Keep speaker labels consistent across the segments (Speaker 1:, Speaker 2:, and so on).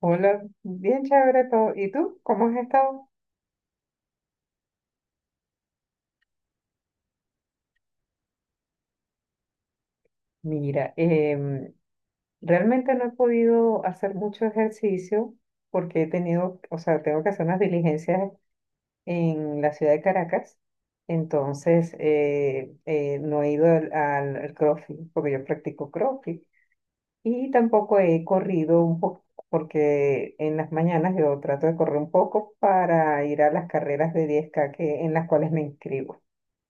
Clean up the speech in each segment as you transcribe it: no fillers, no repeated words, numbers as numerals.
Speaker 1: Hola, bien chévere todo. ¿Y tú? ¿Cómo has estado? Mira, realmente no he podido hacer mucho ejercicio porque he tenido, o sea, tengo que hacer unas diligencias en la ciudad de Caracas. Entonces, no he ido al CrossFit porque yo practico CrossFit y tampoco he corrido un poco porque en las mañanas yo trato de correr un poco para ir a las carreras de 10K que, en las cuales me inscribo.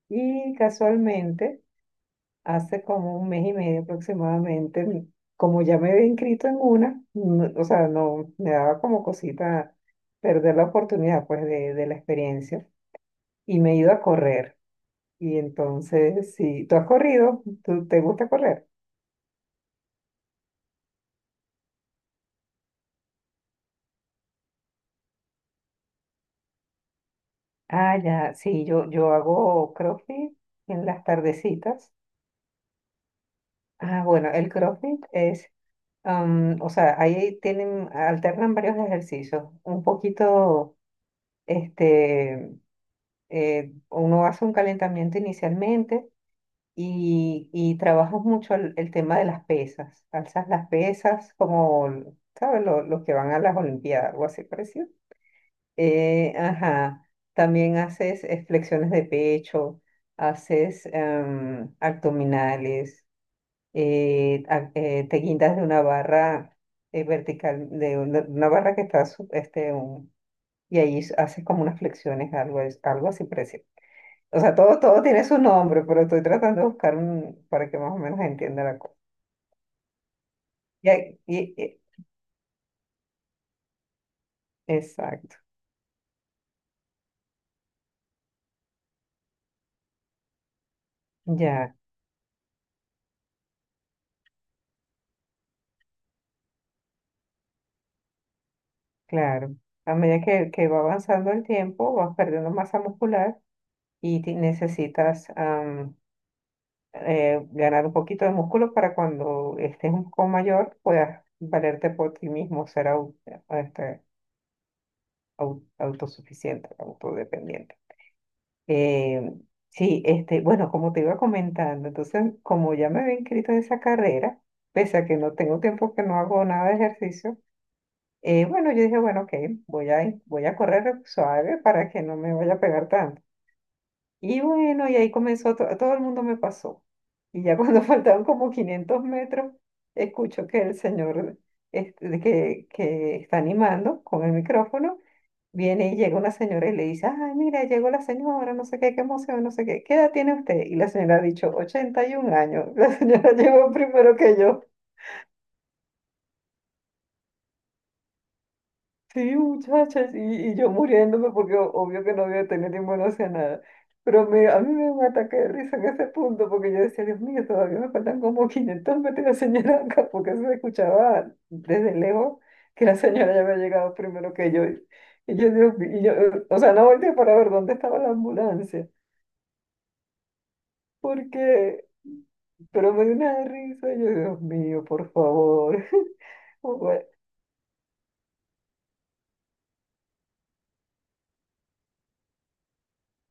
Speaker 1: Y casualmente... Hace como un mes y medio aproximadamente, como ya me había inscrito en una, o sea, no me daba como cosita perder la oportunidad pues de la experiencia y me he ido a correr. Y entonces, si tú has corrido, ¿tú te gusta correr? Ah, ya, sí, yo hago CrossFit en las tardecitas. Ah, bueno, el CrossFit es, o sea, ahí tienen, alternan varios ejercicios, un poquito, este uno hace un calentamiento inicialmente y trabajas mucho el tema de las pesas. Alzas las pesas como, ¿sabes? Los, que van a las Olimpiadas, algo así parecido. Ajá. También haces flexiones de pecho, haces abdominales, te guindas de una barra vertical, de una barra que está, y ahí haces como unas flexiones, algo, es- algo así parecido. O sea, todo tiene su nombre, pero estoy tratando de buscar un para que más o menos entienda la cosa. Y, hay- y- y- exacto, ya, claro. A medida que va avanzando el tiempo, vas perdiendo masa muscular y necesitas ganar un poquito de músculo para cuando estés un poco mayor puedas valerte por ti mismo, ser este, autosuficiente, autodependiente. Eh, sí, bueno, como te iba comentando, entonces, como ya me había inscrito en esa carrera, pese a que no tengo tiempo que no hago nada de ejercicio, bueno, yo dije, bueno, ok, voy a correr suave para que no me vaya a pegar tanto. Y bueno, y ahí comenzó, todo el mundo me pasó. Y ya cuando faltaban como 500 metros, escucho que el señor que está animando con el micrófono. Viene y llega una señora y le dice, ay, mira, llegó la señora, no sé qué, qué emoción, no sé qué, ¿qué edad tiene usted? Y la señora ha dicho, 81 años. La señora llegó primero que yo. Sí, muchachas, y yo muriéndome porque obvio que no había tenido ninguna hacia nada. Pero a mí me dio un ataque de risa en ese punto porque yo decía, Dios mío, todavía me faltan como 500 metros de señora acá, porque eso se escuchaba desde lejos que la señora ya había llegado primero que yo. Y yo, Dios mío, y yo, o sea, no volteé para ver dónde estaba la ambulancia. porque, pero me dio una risa, yo, Dios mío, por favor. Bueno,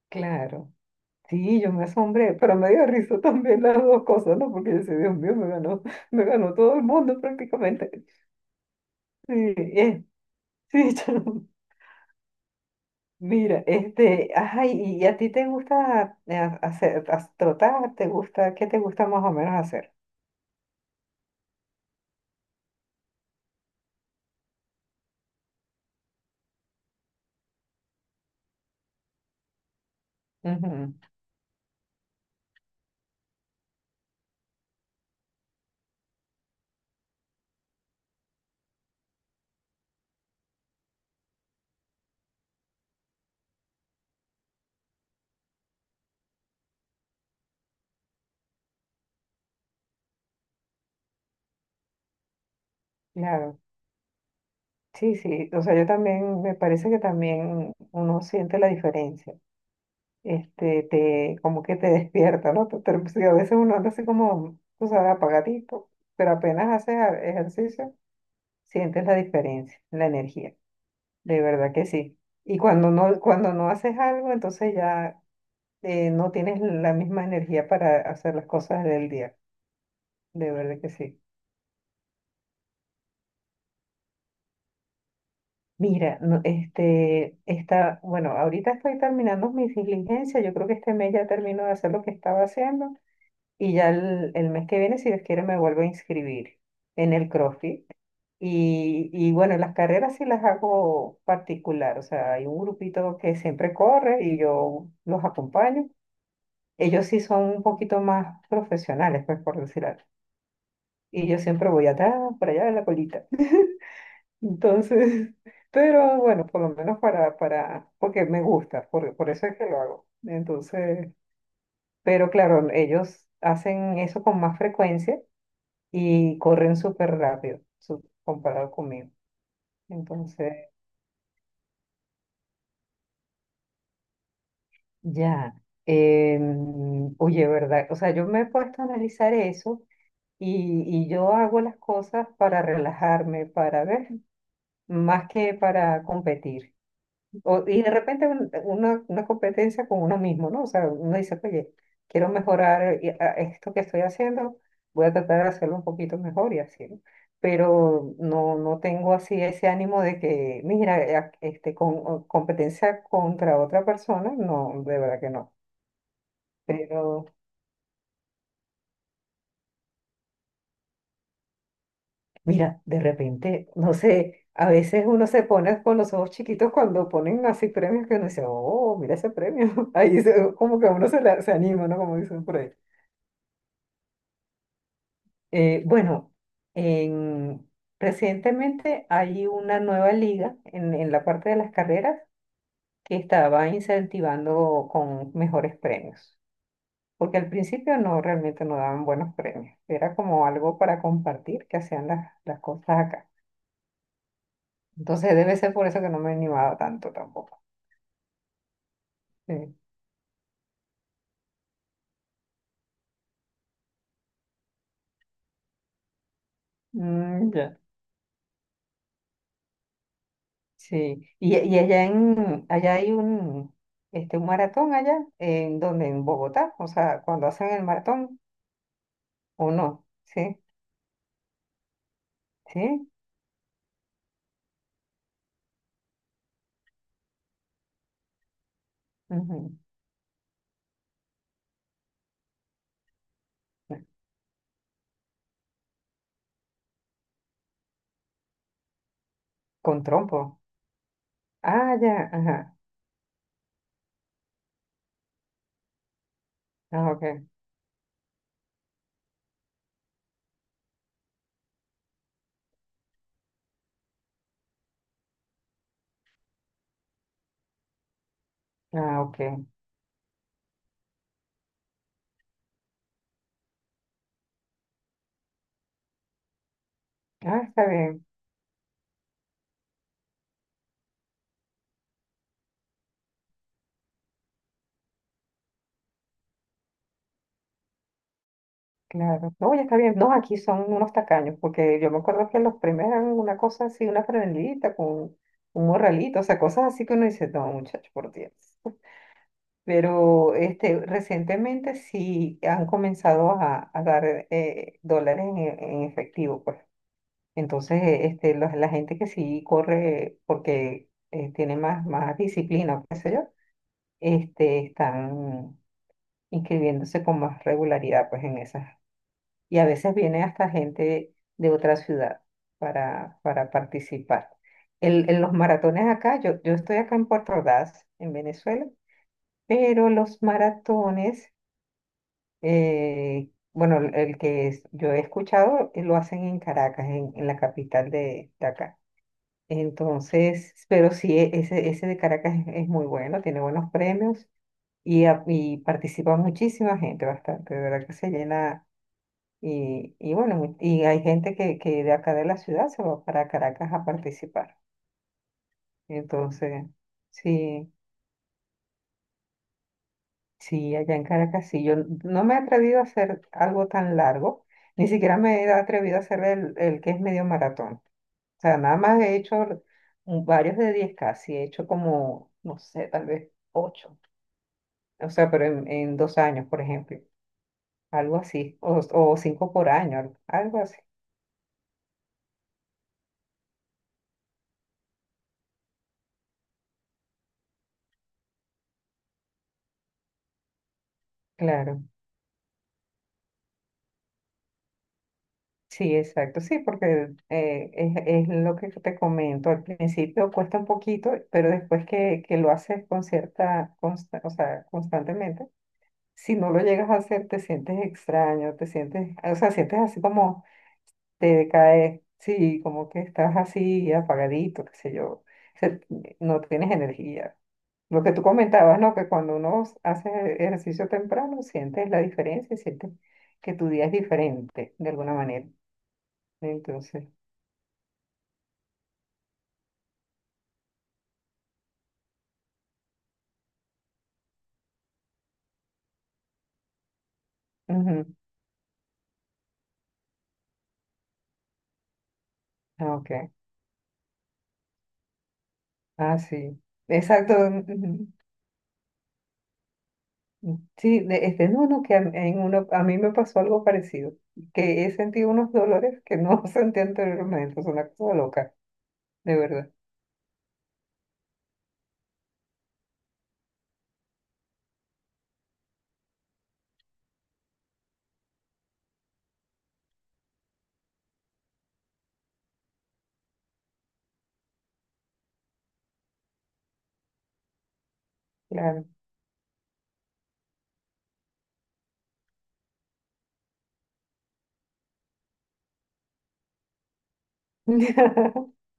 Speaker 1: claro, sí, yo me asombré, pero me dio risa también las dos cosas, ¿no? Porque yo decía, Dios mío, me ganó todo el mundo prácticamente. Sí, sí, mira, este, ajá, ¿y a ti te gusta trotar? ¿Te gusta, qué te gusta más o menos hacer? Ujú, claro, sí, sí, o sea, yo también, me parece que también uno siente la diferencia. Como que te despierta, ¿no? Sí, a veces uno anda así como, tú sabes, apagadito, pero apenas haces ejercicio, sientes la diferencia, la energía, de verdad que sí. Y cuando no haces algo, entonces ya no tienes la misma energía para hacer las cosas del día, de verdad que sí. Mira, no, bueno, ahorita estoy terminando mis diligencias, yo creo que este mes ya termino de hacer lo que estaba haciendo. Y ya el mes que viene, si Dios quiere, me vuelvo a inscribir en el CrossFit. Y bueno, las carreras sí las hago particular. O sea, hay un grupito que siempre corre y yo los acompaño. Ellos sí son un poquito más profesionales, pues por decir algo. Y yo siempre voy atrás, para allá en la colita. Entonces, pero bueno, por lo menos porque me gusta, por eso es que lo hago. Entonces, pero claro, ellos hacen eso con más frecuencia y corren súper rápido comparado conmigo. Entonces, ya, oye, ¿verdad? O sea, yo me he puesto a analizar eso y yo hago las cosas para relajarme, para ver, más que para competir. O- y de repente un- una competencia con uno mismo, ¿no? O sea, uno dice, oye, quiero mejorar esto que estoy haciendo, voy a tratar de hacerlo un poquito mejor y así, ¿no? Pero no, no tengo así ese ánimo de que, mira, con o competencia contra otra persona, no, de verdad que no. Pero mira, de repente, no sé, a veces uno se pone con los ojos chiquitos cuando ponen así premios que uno dice, oh, mira ese premio. Ahí se- como que a uno se, la- se anima, ¿no? Como dicen por ahí. Bueno, en- recientemente hay una nueva liga en la parte de las carreras que estaba incentivando con mejores premios, porque al principio no realmente no daban buenos premios, era como algo para compartir que hacían las cosas acá. Entonces debe ser por eso que no me he animado tanto tampoco. Sí. Mm, ya. Sí. Y allá en allá hay un maratón allá en donde en Bogotá, o sea, cuando hacen el maratón. ¿O no? Sí, sí. Ujú. Con trompo. Ah, ya, ajá. Ah, ok. Ah, ok. Ah, está bien, claro. No, ya está bien. No, aquí son unos tacaños, porque yo me acuerdo que los primeros eran una cosa así, una franelita con un morralito, o sea, cosas así que uno dice, no, muchacho, por Dios. Pero recientemente sí han comenzado a dar dólares en efectivo, pues. Entonces, la gente que sí corre porque tiene más, disciplina, o qué sé yo, están inscribiéndose con más regularidad pues en esas. Y a veces viene hasta gente de otra ciudad para participar. En los maratones acá, yo estoy acá en Puerto Ordaz, en Venezuela, pero los maratones, bueno, yo he escuchado, lo hacen en Caracas, en la capital de acá. Entonces, pero sí, ese de Caracas es muy bueno, tiene buenos premios y participa muchísima gente, bastante, de verdad que se llena. Y bueno, y hay gente que de acá de la ciudad se va para Caracas a participar. Entonces, sí, sí, allá en Caracas sí. Yo no me he atrevido a hacer algo tan largo, ni siquiera me he atrevido a hacer el que es medio maratón. O sea, nada más he hecho varios de 10K sí, he hecho como, no sé, tal vez, ocho. O sea, pero en 2 años, por ejemplo, algo así, o cinco por año, algo así. Claro, sí, exacto, sí, porque es lo que te comento, al principio cuesta un poquito, pero después que lo haces con cierta, o sea, constantemente, si no lo llegas a hacer, te sientes extraño, te sientes, o sea, sientes así como te decaes, sí, como que estás así apagadito, qué sé yo, se- no tienes energía. Lo que tú comentabas, ¿no? Que cuando uno hace ejercicio temprano, sientes la diferencia, y sientes que tu día es diferente de alguna manera. Entonces, ujú, ah, ok, ah, sí, exacto. Ujú. Sí, no, no, que a, en uno, a mí me pasó algo parecido, que he sentido unos dolores que no sentí anteriormente, es una cosa loca, de verdad, claro,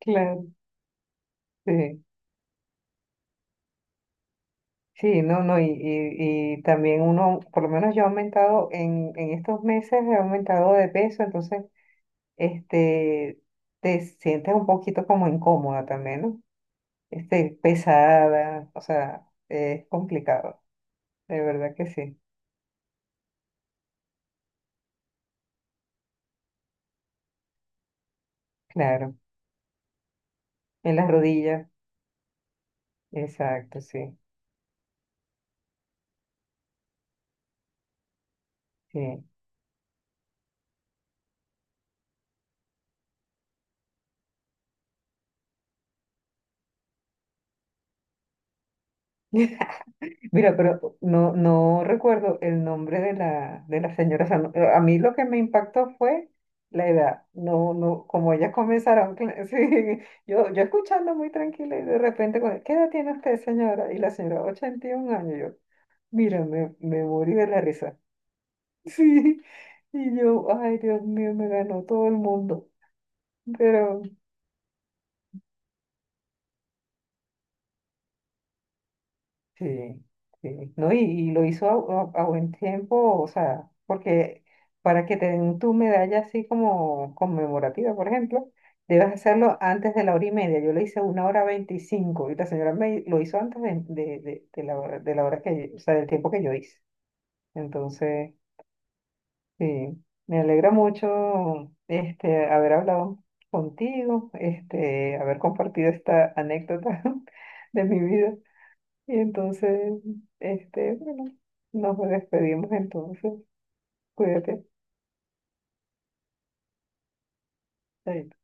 Speaker 1: claro, sí. Sí, no, no, y también uno, por lo menos yo he aumentado en estos meses, he aumentado de peso, entonces, este, te sientes un poquito como incómoda también, ¿no? Pesada, o sea, es complicado, de verdad que sí, claro. En las rodillas, exacto, sí, sí. Mira, pero no, no recuerdo el nombre de la señora. O sea, a mí lo que me impactó fue la edad. No, no, como ellas comenzaron, sí, yo escuchando muy tranquila y de repente, ¿qué edad tiene usted, señora? Y la señora, 81 años. Yo, mira, me morí de la risa. Sí, y yo, ay, Dios mío, me ganó todo el mundo. Pero Sí, sí, ¿no? Y lo hizo a buen tiempo, o sea, porque para que te den tu medalla así como conmemorativa, por ejemplo, debes hacerlo antes de la hora y media. Yo lo hice 1:25 y la señora me lo hizo antes de la hora, de la hora que, o sea, del tiempo que yo hice. Entonces, sí, me alegra mucho haber hablado contigo, haber compartido esta anécdota de mi vida. Y entonces, bueno, nos despedimos entonces. Cuídate. Chaito.